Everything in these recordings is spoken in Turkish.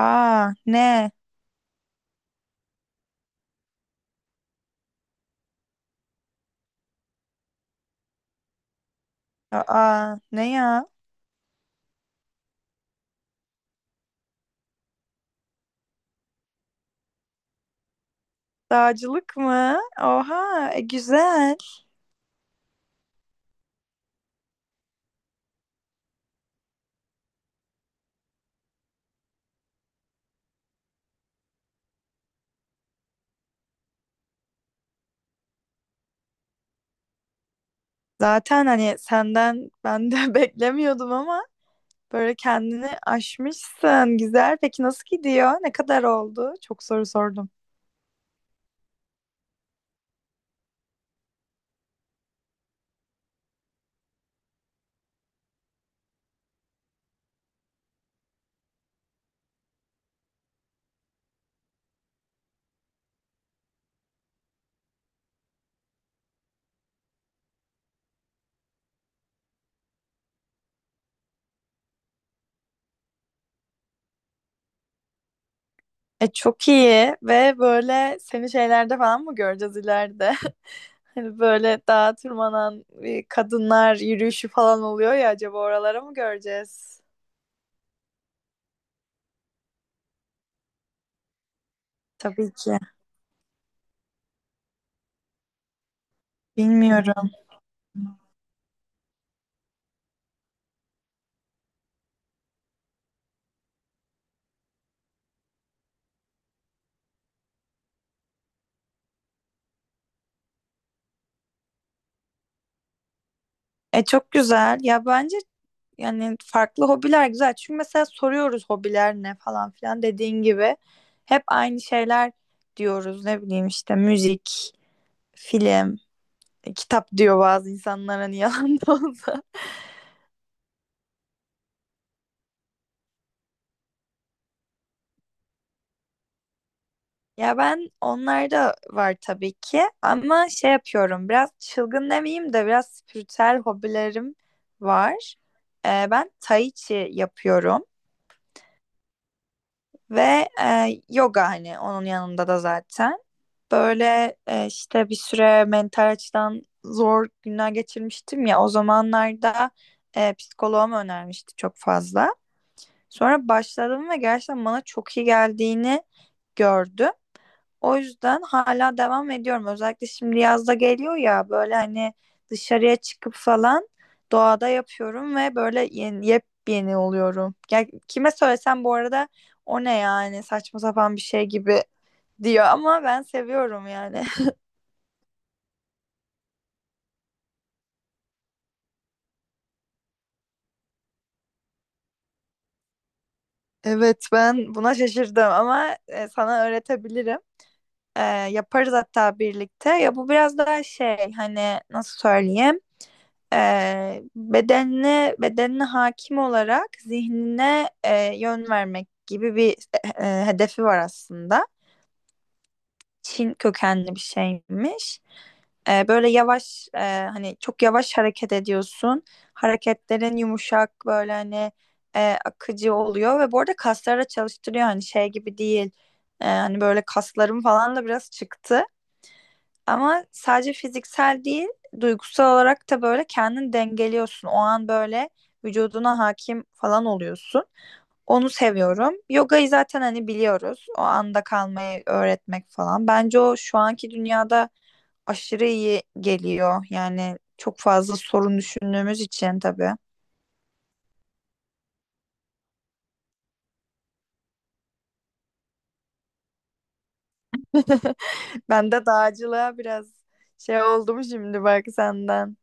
Aa ne? Aa ne ya? Dağcılık mı? Oha güzel. Zaten hani senden ben de beklemiyordum ama böyle kendini aşmışsın. Güzel. Peki nasıl gidiyor? Ne kadar oldu? Çok soru sordum. E çok iyi ve böyle seni şeylerde falan mı göreceğiz ileride? Hani böyle dağa tırmanan kadınlar yürüyüşü falan oluyor ya acaba oralara mı göreceğiz? Tabii ki. Bilmiyorum. E çok güzel. Ya bence yani farklı hobiler güzel. Çünkü mesela soruyoruz hobiler ne falan filan dediğin gibi. Hep aynı şeyler diyoruz. Ne bileyim işte müzik, film, kitap diyor bazı insanlar hani yalan da olsa. Ya ben onlarda var tabii ki ama şey yapıyorum biraz çılgın demeyeyim de biraz spiritüel hobilerim var. Ben tai chi yapıyorum. Ve yoga hani onun yanında da zaten. Böyle işte bir süre mental açıdan zor günler geçirmiştim ya o zamanlarda psikoloğum önermişti çok fazla. Sonra başladım ve gerçekten bana çok iyi geldiğini gördüm. O yüzden hala devam ediyorum. Özellikle şimdi yazda geliyor ya böyle hani dışarıya çıkıp falan doğada yapıyorum ve böyle yeni, yepyeni oluyorum. Ya kime söylesem bu arada o ne yani saçma sapan bir şey gibi diyor ama ben seviyorum yani. Evet ben buna şaşırdım ama sana öğretebilirim. E, Yaparız hatta birlikte. Ya bu biraz daha şey hani nasıl söyleyeyim? Bedenine hakim olarak zihnine yön vermek gibi bir hedefi var aslında. Çin kökenli bir şeymiş. Böyle yavaş hani çok yavaş hareket ediyorsun. Hareketlerin yumuşak böyle hani akıcı oluyor ve bu arada kasları da çalıştırıyor hani şey gibi değil. Hani böyle kaslarım falan da biraz çıktı. Ama sadece fiziksel değil, duygusal olarak da böyle kendini dengeliyorsun. O an böyle vücuduna hakim falan oluyorsun. Onu seviyorum. Yogayı zaten hani biliyoruz. O anda kalmayı öğretmek falan. Bence o şu anki dünyada aşırı iyi geliyor. Yani çok fazla sorun düşündüğümüz için tabii. Ben de dağcılığa biraz şey oldum şimdi bak senden.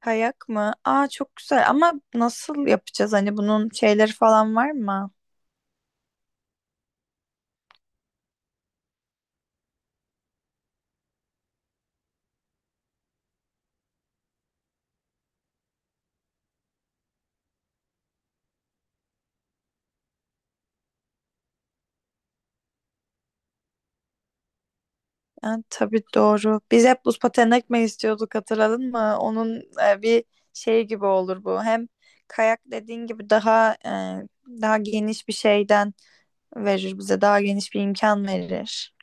Kayak mı? Aa çok güzel ama nasıl yapacağız? Hani bunun şeyleri falan var mı? Yani tabii doğru. Biz hep buz pateni ekmek istiyorduk hatırladın mı? Onun bir şey gibi olur bu. Hem kayak dediğin gibi daha daha geniş bir şeyden verir bize. Daha geniş bir imkan verir.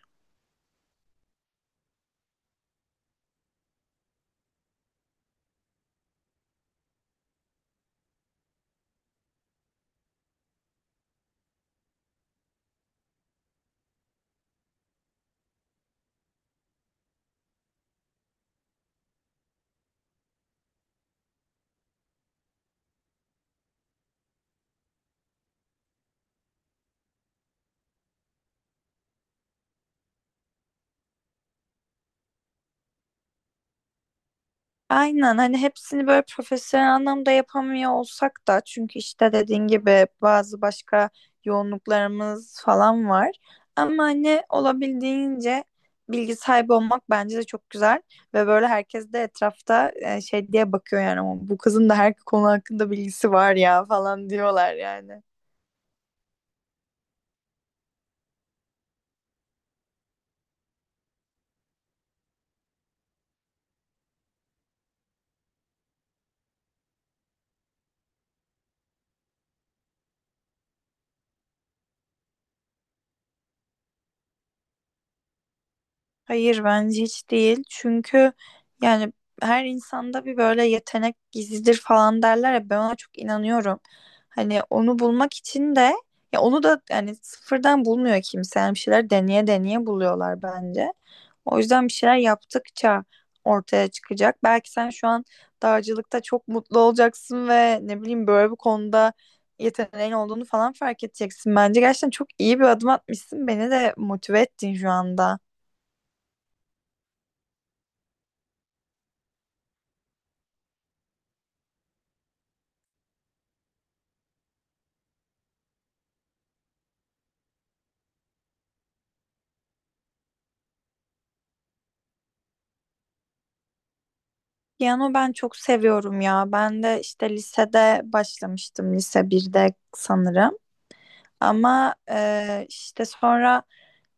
Aynen hani hepsini böyle profesyonel anlamda yapamıyor olsak da çünkü işte dediğin gibi bazı başka yoğunluklarımız falan var. Ama hani olabildiğince bilgi sahibi olmak bence de çok güzel ve böyle herkes de etrafta şey diye bakıyor yani "Ama bu kızın da her konu hakkında bilgisi var ya falan diyorlar yani. Hayır bence hiç değil. Çünkü yani her insanda bir böyle yetenek gizlidir falan derler ya ben ona çok inanıyorum. Hani onu bulmak için de ya onu da yani sıfırdan bulmuyor kimse. Yani bir şeyler deneye deneye buluyorlar bence. O yüzden bir şeyler yaptıkça ortaya çıkacak. Belki sen şu an dağcılıkta çok mutlu olacaksın ve ne bileyim böyle bir konuda yeteneğin olduğunu falan fark edeceksin. Bence gerçekten çok iyi bir adım atmışsın. Beni de motive ettin şu anda. Piyano ben çok seviyorum ya. Ben de işte lisede başlamıştım. Lise birde sanırım. Ama işte sonra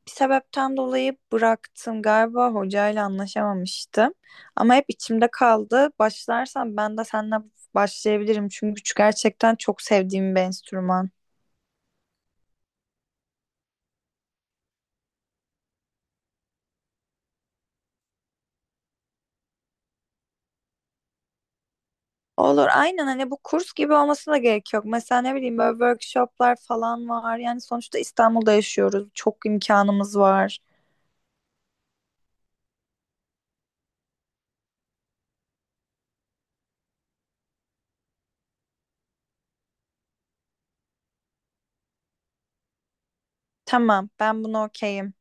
bir sebepten dolayı bıraktım. Galiba hocayla anlaşamamıştım. Ama hep içimde kaldı. Başlarsam ben de seninle başlayabilirim. Çünkü gerçekten çok sevdiğim bir enstrüman. Olur aynen hani bu kurs gibi olmasına da gerek yok. Mesela ne bileyim böyle workshoplar falan var. Yani sonuçta İstanbul'da yaşıyoruz. Çok imkanımız var. Tamam, ben buna okeyim.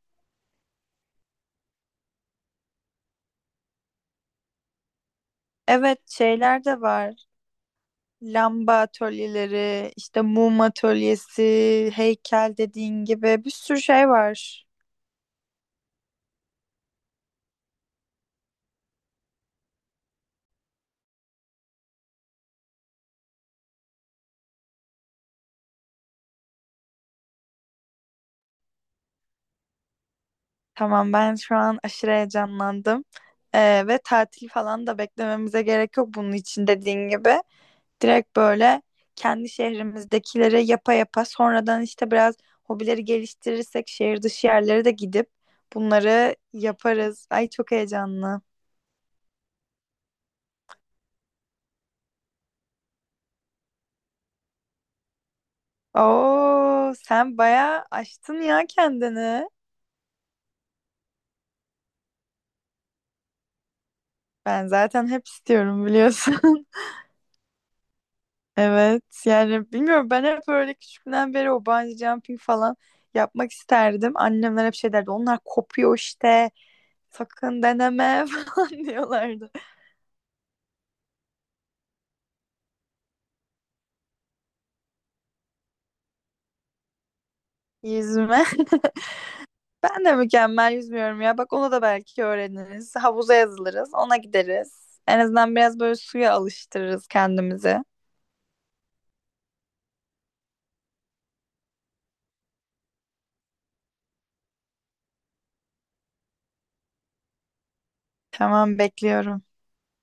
Evet, şeyler de var. Lamba atölyeleri, işte mum atölyesi, heykel dediğin gibi bir sürü şey var. Tamam, ben şu an aşırı heyecanlandım. Ve tatil falan da beklememize gerek yok bunun için dediğin gibi. Direkt böyle kendi şehrimizdekileri yapa yapa sonradan işte biraz hobileri geliştirirsek şehir dışı yerlere de gidip bunları yaparız. Ay çok heyecanlı. Oo, sen bayağı aştın ya kendini. Ben zaten hep istiyorum biliyorsun. Evet yani bilmiyorum ben hep öyle küçüklüğümden beri o bungee jumping falan yapmak isterdim. Annemler hep şey derdi onlar kopuyor işte sakın deneme falan diyorlardı. Yüzme. Ben de mükemmel yüzmüyorum ya bak onu da belki öğreniriz. Havuza yazılırız ona gideriz. En azından biraz böyle suya alıştırırız kendimizi. Tamam bekliyorum.